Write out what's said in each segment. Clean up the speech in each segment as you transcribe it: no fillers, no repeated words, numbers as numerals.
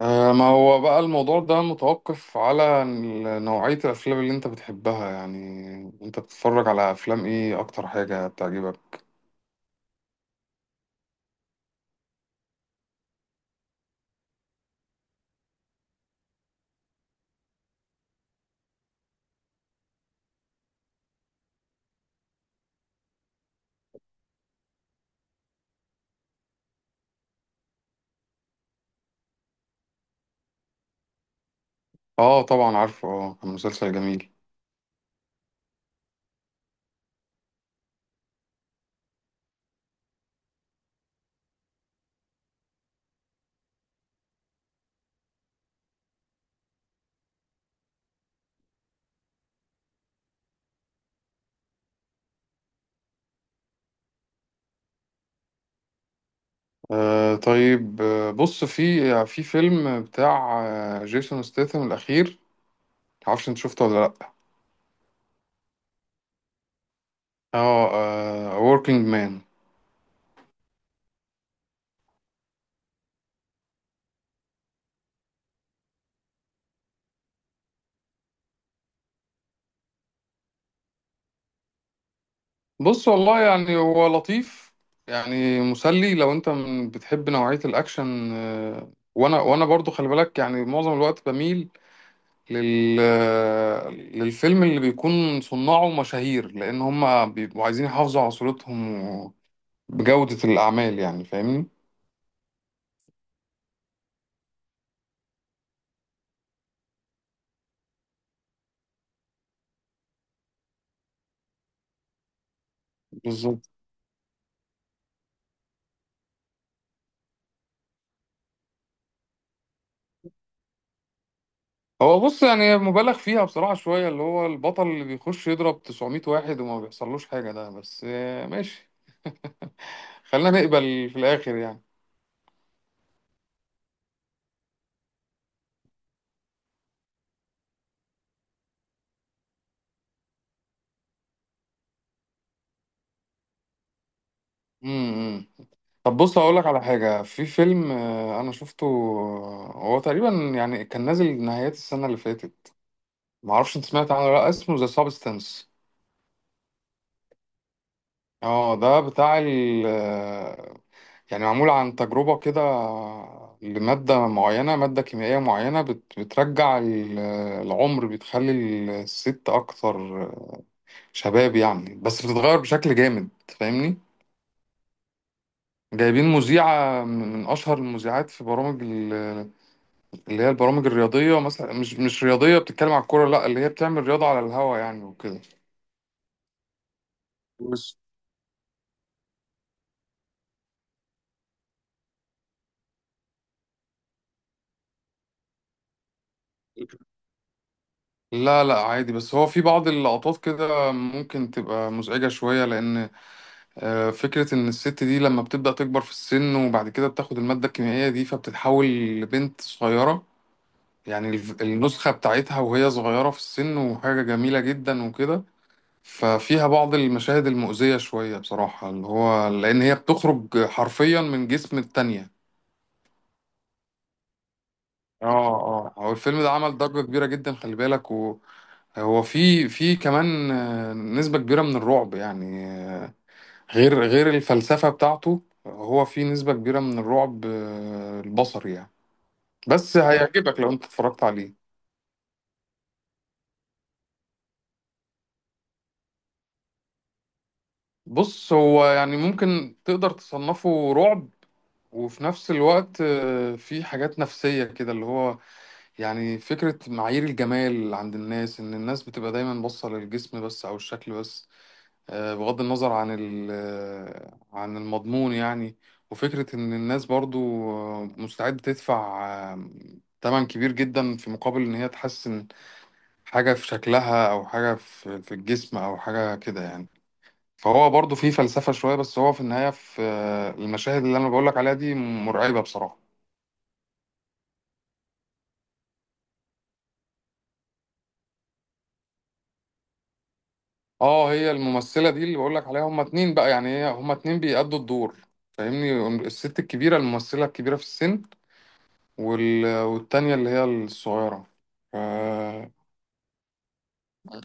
آه، ما هو بقى الموضوع ده متوقف على نوعية الأفلام اللي أنت بتحبها يعني. أنت بتتفرج على أفلام إيه، أكتر حاجة بتعجبك؟ آه طبعا عارفه. آه، كان مسلسل جميل. آه طيب. بص، في فيلم بتاع جيسون ستيثم الأخير. معرفش أنت شفته ولا لأ؟ آه. Working Man. بص، والله يعني هو لطيف. يعني مسلي لو أنت بتحب نوعية الأكشن. وانا برضو خلي بالك، يعني معظم الوقت بميل لل... للفيلم اللي بيكون صناعه مشاهير، لأن هم بيبقوا عايزين يحافظوا على صورتهم بجودة الأعمال، يعني فاهمني؟ بالظبط. هو بص، يعني مبالغ فيها بصراحة شوية، اللي هو البطل اللي بيخش يضرب 900 واحد وما بيحصلوش حاجة ده. بس ماشي، خلينا نقبل في الآخر يعني. امم. طب، بص هقول لك على حاجة. في فيلم أنا شفته، هو تقريبا يعني كان نازل نهايات السنة اللي فاتت. معرفش أنت سمعت عنه ولا لأ، اسمه ذا سابستنس. اه، ده بتاع. يعني معمول عن تجربة كده لمادة معينة، مادة كيميائية معينة بترجع العمر، بتخلي الست أكثر شباب يعني، بس بتتغير بشكل جامد. فاهمني؟ جايبين مذيعة من أشهر المذيعات في برامج اللي هي البرامج الرياضية مثلا. مش رياضية بتتكلم عن الكورة، لا، اللي هي بتعمل رياضة على الهوا يعني وكده، بس. لا، لا، عادي. بس هو في بعض اللقطات كده ممكن تبقى مزعجة شوية، لأن فكرة إن الست دي لما بتبدأ تكبر في السن وبعد كده بتاخد المادة الكيميائية دي، فبتتحول لبنت صغيرة. يعني النسخة بتاعتها وهي صغيرة في السن، وحاجة جميلة جدا وكده. ففيها بعض المشاهد المؤذية شوية بصراحة، اللي هو لأن هي بتخرج حرفيا من جسم التانية. اه. اه، هو الفيلم ده عمل ضجة كبيرة جدا خلي بالك. وهو في كمان نسبة كبيرة من الرعب يعني، غير الفلسفة بتاعته. هو فيه نسبة كبيرة من الرعب البصري يعني. بس هيعجبك لو انت اتفرجت عليه. بص، هو يعني ممكن تقدر تصنفه رعب، وفي نفس الوقت فيه حاجات نفسية كده، اللي هو يعني فكرة معايير الجمال عند الناس، ان الناس بتبقى دايما باصة للجسم بس او الشكل بس، بغض النظر عن عن المضمون يعني. وفكرة إن الناس برضو مستعدة تدفع آه، تمن كبير جدا، في مقابل إن هي تحسن حاجة في شكلها، أو حاجة في الجسم، أو حاجة كده يعني. فهو برضو فيه فلسفة شوية، بس هو في النهاية في المشاهد اللي أنا بقولك عليها دي مرعبة بصراحة. اه، هي الممثلة دي اللي بقولك عليها، هما اتنين بقى، يعني هي هما اتنين بيأدوا الدور. فاهمني؟ الست الكبيرة، الممثلة الكبيرة في السن، والتانية اللي هي الصغيرة. ف-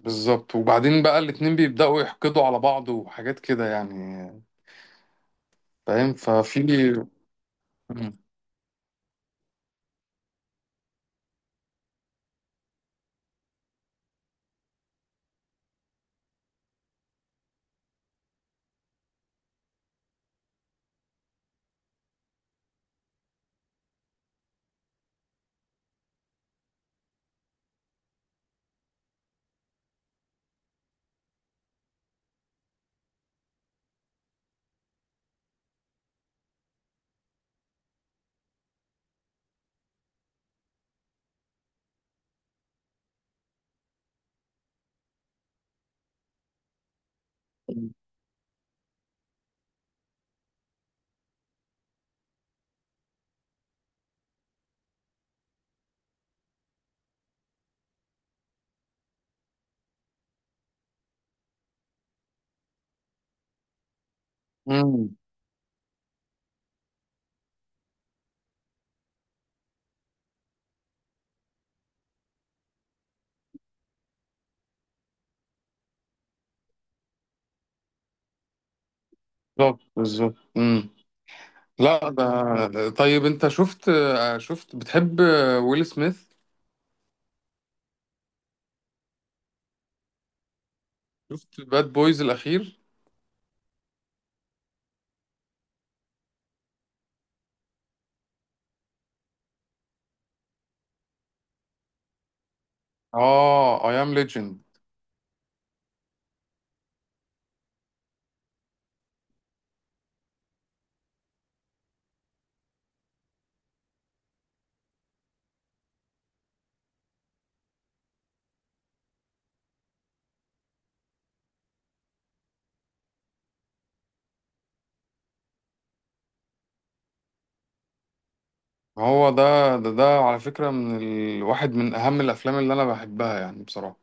بالظبط. وبعدين بقى الاتنين بيبدأوا يحقدوا على بعض وحاجات كده يعني، فاهم؟ مم. مم. بالظبط، بالظبط. مم. لا، ده طيب. انت شفت، شفت بتحب ويل سميث، شفت باد بويز الأخير؟ اه، اي ام ليجند. ما هو ده على فكرة من واحد من أهم الأفلام اللي أنا بحبها يعني بصراحة.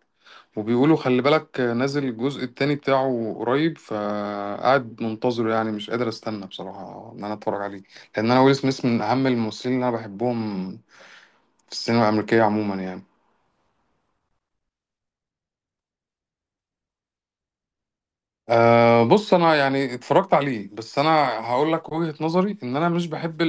وبيقولوا خلي بالك نازل الجزء التاني بتاعه قريب، فقاعد منتظره. يعني مش قادر أستنى بصراحة إن أنا أتفرج عليه، لأن أنا ويل سميث من أهم الممثلين اللي أنا بحبهم في السينما الأمريكية عموما يعني. أه، بص، أنا يعني اتفرجت عليه، بس أنا هقول لك وجهة نظري. إن أنا مش بحب،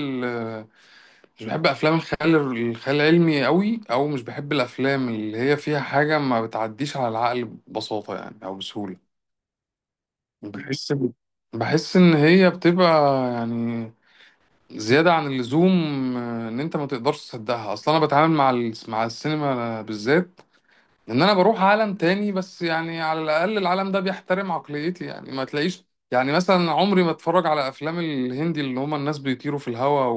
مش بحب افلام الخيال العلمي قوي، او مش بحب الافلام اللي هي فيها حاجه ما بتعديش على العقل ببساطه يعني، او بسهوله. بحس بحس ان هي بتبقى يعني زياده عن اللزوم، ان انت ما تقدرش تصدقها اصلا. انا بتعامل مع السينما بالذات، ان انا بروح عالم تاني. بس يعني على الاقل العالم ده بيحترم عقليتي، يعني ما تلاقيش، يعني مثلا، عمري ما اتفرج على افلام الهندي، اللي هما الناس بيطيروا في الهواء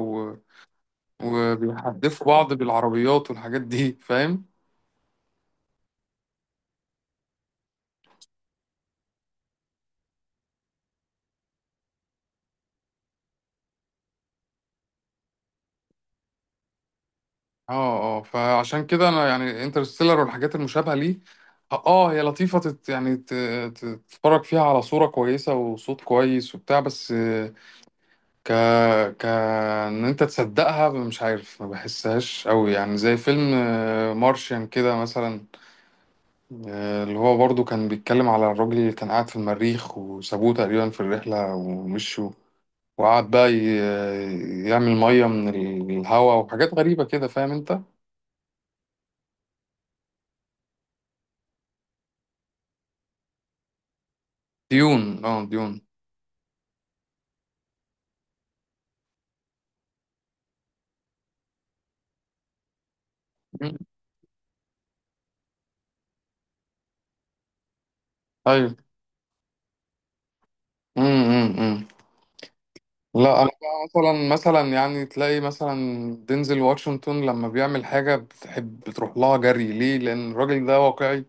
وبيحدفوا بعض بالعربيات والحاجات دي، فاهم؟ اه، اه. فعشان كده انا يعني انترستيلر والحاجات المشابهه ليه، اه، هي لطيفه، يعني تتفرج فيها على صوره كويسه وصوت كويس وبتاع، بس ك ك ان انت تصدقها، مش عارف، ما بحسهاش قوي يعني، زي فيلم مارشيان كده مثلا، اللي هو برضو كان بيتكلم على الراجل اللي كان قاعد في المريخ وسابوه تقريبا في الرحله ومشوا، وقعد بقى يعمل ميه من الهواء وحاجات غريبه كده، فاهم انت؟ ديون، اه، ديون. مم. ايوه. امم، امم. لا، انا بقى مثلا يعني تلاقي مثلا دينزل واشنطن، لما بيعمل حاجه بتحب بتروح لها جري ليه، لان الراجل ده واقعي.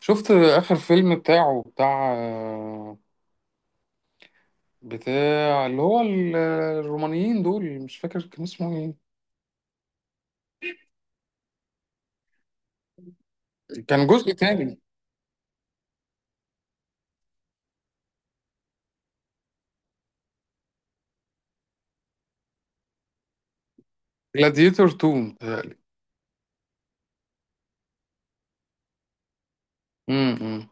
شفت اخر فيلم بتاعه اللي هو الرومانيين دول، مش فاكر كان اسمه ايه. كان جزء تاني، جلاديتور 2. متهيألي.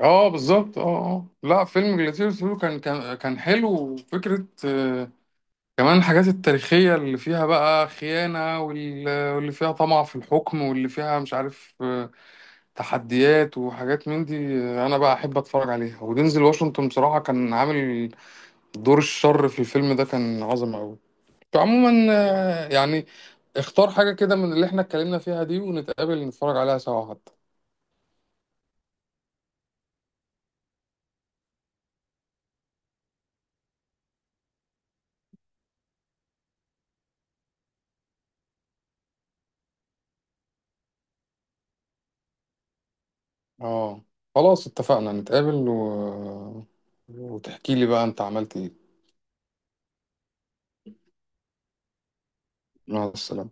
اه، بالظبط، اه، اه. لا، فيلم جلاديتور سولو كان حلو. وفكرة كمان الحاجات التاريخية، اللي فيها بقى خيانة واللي فيها طمع في الحكم، واللي فيها مش عارف تحديات وحاجات من دي. أنا بقى أحب أتفرج عليها. ودينزل واشنطن بصراحة كان عامل دور الشر في الفيلم ده، كان عظم أوي. فعموما، يعني اختار حاجة كده من اللي احنا اتكلمنا فيها دي، ونتقابل نتفرج عليها سوا حتى. اه، خلاص اتفقنا نتقابل وتحكي لي بقى انت عملت ايه. مع السلامة.